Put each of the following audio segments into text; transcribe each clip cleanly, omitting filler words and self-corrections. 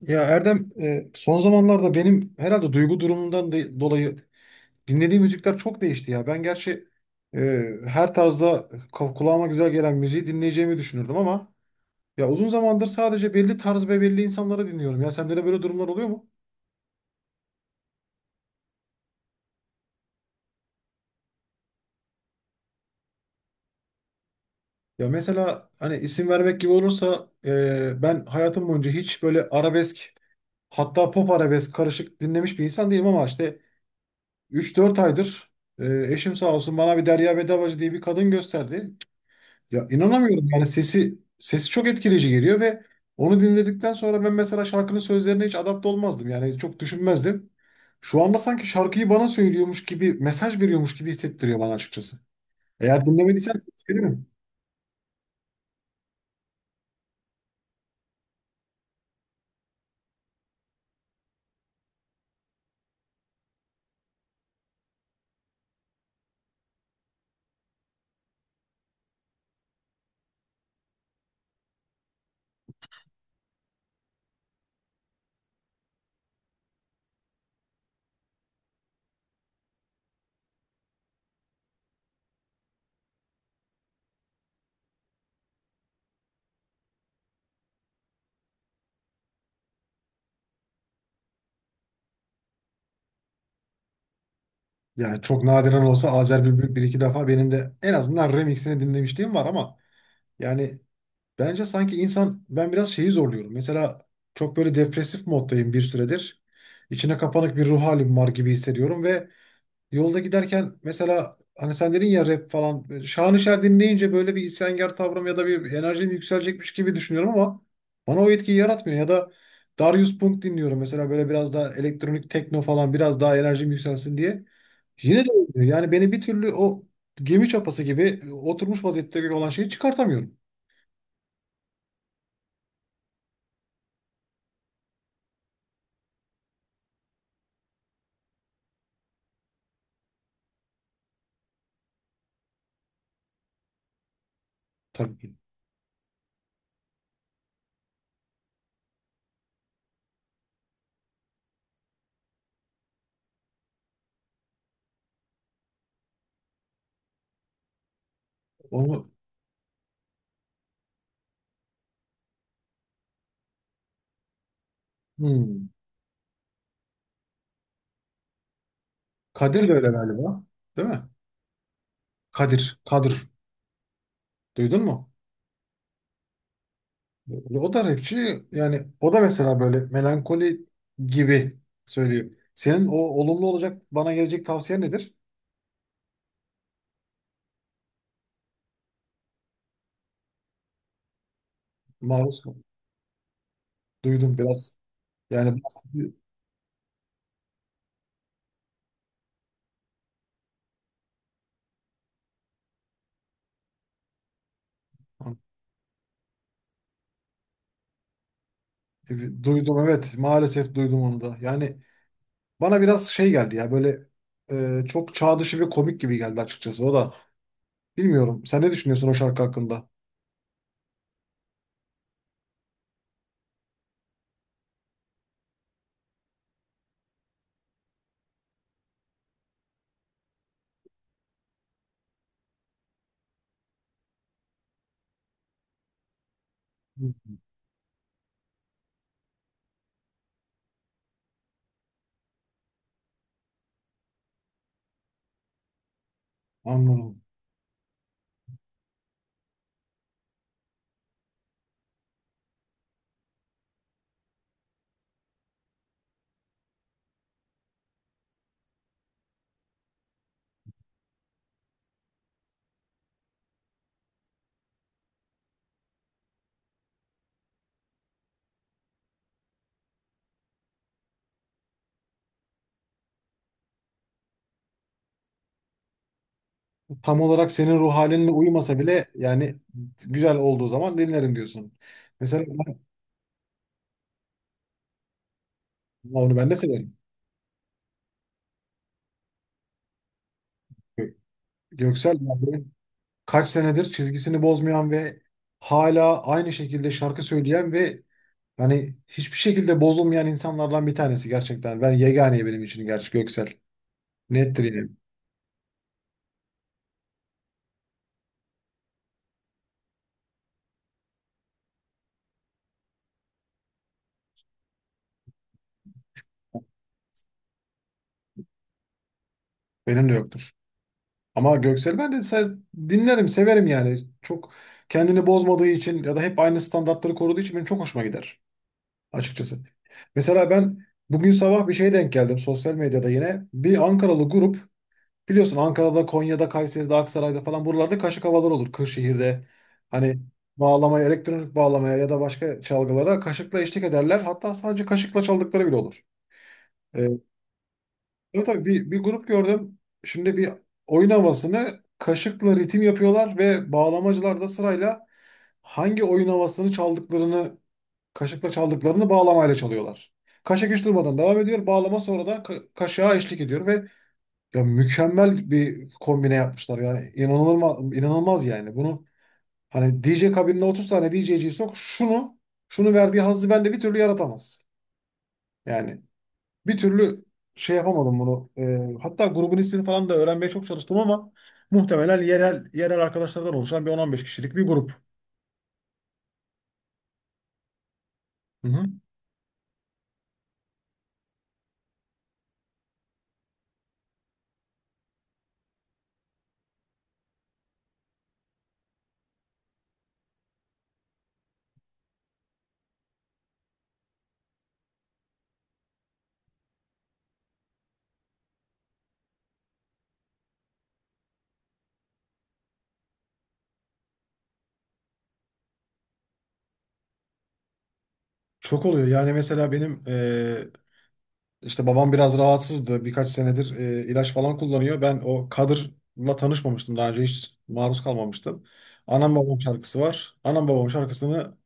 Ya Erdem, son zamanlarda benim herhalde duygu durumumdan dolayı dinlediğim müzikler çok değişti ya. Ben gerçi e, her tarzda kulağıma güzel gelen müziği dinleyeceğimi düşünürdüm ama ya uzun zamandır sadece belli tarz ve belli insanları dinliyorum. Ya sende de böyle durumlar oluyor mu? Ya mesela hani isim vermek gibi olursa ben hayatım boyunca hiç böyle arabesk hatta pop arabesk karışık dinlemiş bir insan değilim ama işte üç dört aydır eşim sağ olsun bana bir Derya Bedavacı diye bir kadın gösterdi. Ya inanamıyorum, yani sesi çok etkileyici geliyor ve onu dinledikten sonra ben mesela şarkının sözlerine hiç adapte olmazdım. Yani çok düşünmezdim. Şu anda sanki şarkıyı bana söylüyormuş gibi, mesaj veriyormuş gibi hissettiriyor bana açıkçası. Eğer dinlemediysen tavsiye ederim. Yani çok nadiren olsa Azer Bülbül bir iki defa benim de en azından remixini dinlemişliğim var ama yani bence sanki insan, ben biraz şeyi zorluyorum. Mesela çok böyle depresif moddayım bir süredir. İçine kapanık bir ruh halim var gibi hissediyorum ve yolda giderken, mesela hani sen dedin ya rap falan. Böyle Şanışer dinleyince böyle bir isyankar tavrım ya da bir enerjim yükselecekmiş gibi düşünüyorum ama bana o etkiyi yaratmıyor. Ya da Darius Punk dinliyorum mesela, böyle biraz daha elektronik tekno falan, biraz daha enerjim yükselsin diye. Yine de olmuyor. Yani beni bir türlü o gemi çapası gibi oturmuş vaziyette olan şeyi çıkartamıyorum. Tabii ki. Onu, hmm. Kadir de öyle galiba. Değil mi? Kadir. Kadir. Duydun mu? O da rapçi, yani o da mesela böyle melankoli gibi söylüyor. Senin o olumlu olacak bana gelecek tavsiye nedir? Maruz kaldım. Duydum biraz. Yani duydum, evet, maalesef duydum onu da. Yani bana biraz şey geldi ya, böyle çok çağ dışı ve komik gibi geldi açıkçası o da. Bilmiyorum. Sen ne düşünüyorsun o şarkı hakkında? Hı. Anladım. Tam olarak senin ruh halinle uyumasa bile yani güzel olduğu zaman dinlerim diyorsun. Mesela ben- onu ben de severim. Göksel ya benim kaç senedir çizgisini bozmayan ve hala aynı şekilde şarkı söyleyen ve hani hiçbir şekilde bozulmayan insanlardan bir tanesi gerçekten. Ben yegane benim için gerçi Göksel. Nettir yani. Benim de yoktur. Ama Göksel, ben de dinlerim, severim yani. Çok kendini bozmadığı için ya da hep aynı standartları koruduğu için benim çok hoşuma gider açıkçası. Mesela ben bugün sabah bir şeye denk geldim sosyal medyada yine. Bir Ankaralı grup. Biliyorsun, Ankara'da, Konya'da, Kayseri'de, Aksaray'da falan buralarda kaşık havalar olur. Kırşehir'de hani bağlamaya, elektronik bağlamaya ya da başka çalgılara kaşıkla eşlik ederler. Hatta sadece kaşıkla çaldıkları bile olur. Ee, tabii tabii, bir grup gördüm. Şimdi bir oyun havasını kaşıkla ritim yapıyorlar ve bağlamacılar da sırayla hangi oyun havasını çaldıklarını, kaşıkla çaldıklarını bağlamayla çalıyorlar. Kaşık hiç durmadan devam ediyor. Bağlama sonra da kaşığa eşlik ediyor ve ya mükemmel bir kombine yapmışlar, yani inanılmaz inanılmaz yani bunu, hani DJ kabinine 30 tane DJ'ciyi sok, şunu şunu verdiği hazzı bende bir türlü yaratamaz. Yani bir türlü şey yapamadım bunu. Hatta grubun ismini falan da öğrenmeye çok çalıştım ama muhtemelen yerel yerel arkadaşlardan oluşan bir 10-15 kişilik bir grup. Hı hı. Çok oluyor, yani mesela benim İşte babam biraz rahatsızdı. Birkaç senedir ilaç falan kullanıyor. Ben o Kadır'la tanışmamıştım. Daha önce hiç maruz kalmamıştım. Anam babam şarkısı var. Anam babam şarkısını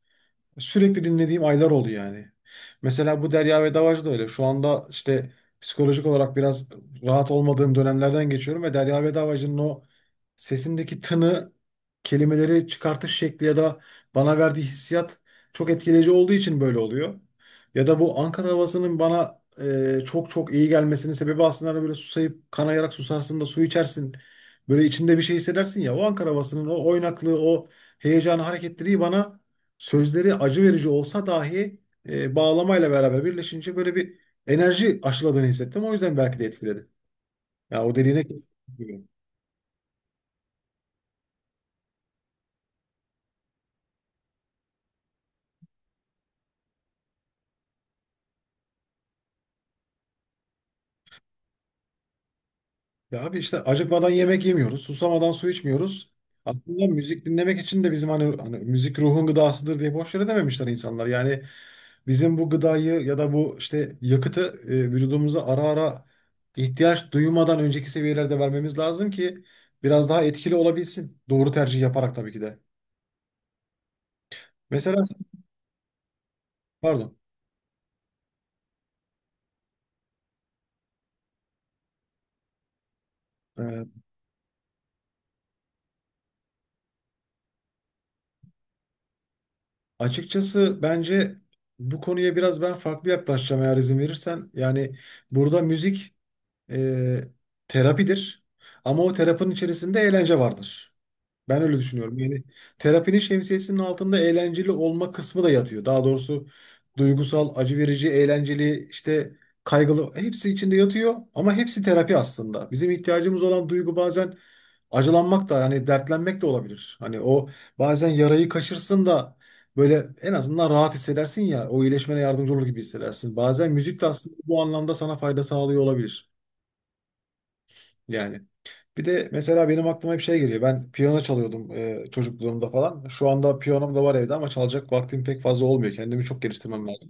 sürekli dinlediğim aylar oldu yani. Mesela bu Derya ve Davacı da öyle. Şu anda işte psikolojik olarak biraz rahat olmadığım dönemlerden geçiyorum ve Derya ve Davacı'nın o sesindeki tını, kelimeleri çıkartış şekli ya da bana verdiği hissiyat çok etkileyici olduğu için böyle oluyor. Ya da bu Ankara havasının bana çok çok iyi gelmesinin sebebi aslında, hani böyle susayıp kanayarak susarsın da su içersin. Böyle içinde bir şey hissedersin ya. O Ankara havasının o oynaklığı, o heyecanı, hareketliliği bana, sözleri acı verici olsa dahi bağlamayla beraber birleşince böyle bir enerji aşıladığını hissettim. O yüzden belki de etkiledi. Ya o dediğine kesinlikle. Ya abi, işte acıkmadan yemek yemiyoruz, susamadan su içmiyoruz. Aslında müzik dinlemek için de bizim hani, hani müzik ruhun gıdasıdır diye boş yere dememişler insanlar. Yani bizim bu gıdayı ya da bu işte yakıtı vücudumuza ara ara, ihtiyaç duymadan önceki seviyelerde vermemiz lazım ki biraz daha etkili olabilsin. Doğru tercih yaparak tabii ki de. Mesela, pardon. Ee, açıkçası bence bu konuya biraz ben farklı yaklaşacağım, eğer izin verirsen. Yani burada müzik e, terapidir ama o terapinin içerisinde eğlence vardır. Ben öyle düşünüyorum. Yani terapinin şemsiyesinin altında eğlenceli olma kısmı da yatıyor. Daha doğrusu duygusal, acı verici, eğlenceli, işte kaygılı, hepsi içinde yatıyor ama hepsi terapi aslında. Bizim ihtiyacımız olan duygu bazen acılanmak da, hani dertlenmek de olabilir. Hani o, bazen yarayı kaşırsın da böyle en azından rahat hissedersin ya, o iyileşmene yardımcı olur gibi hissedersin. Bazen müzik de aslında bu anlamda sana fayda sağlıyor olabilir. Yani. Bir de mesela benim aklıma hep şey geliyor. Ben piyano çalıyordum çocukluğumda falan. Şu anda piyanom da var evde ama çalacak vaktim pek fazla olmuyor. Kendimi çok geliştirmem lazım.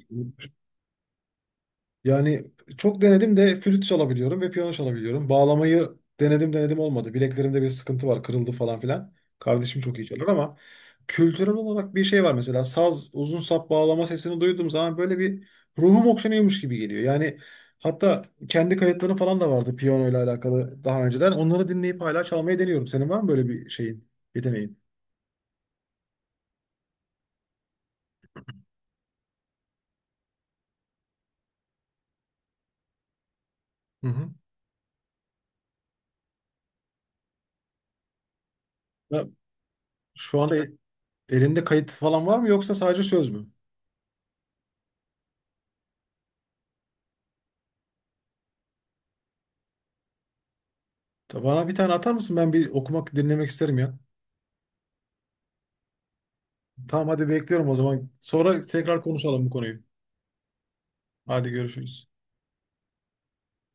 Yani çok denedim de, flüt çalabiliyorum ve piyano çalabiliyorum. Bağlamayı denedim denedim, olmadı. Bileklerimde bir sıkıntı var, kırıldı falan filan. Kardeşim çok iyi çalar ama kültürel olarak bir şey var mesela. Saz, uzun sap bağlama sesini duyduğum zaman böyle bir ruhum okşanıyormuş gibi geliyor. Yani hatta kendi kayıtlarım falan da vardı piyano ile alakalı daha önceden. Onları dinleyip hala çalmayı deniyorum. Senin var mı böyle bir şeyin, yeteneğin? Hı hı. Ya, şu anda elinde kayıt falan var mı, yoksa sadece söz mü? Bana bir tane atar mısın? Ben bir okumak, dinlemek isterim ya. Tamam, hadi bekliyorum o zaman. Sonra tekrar konuşalım bu konuyu. Hadi görüşürüz.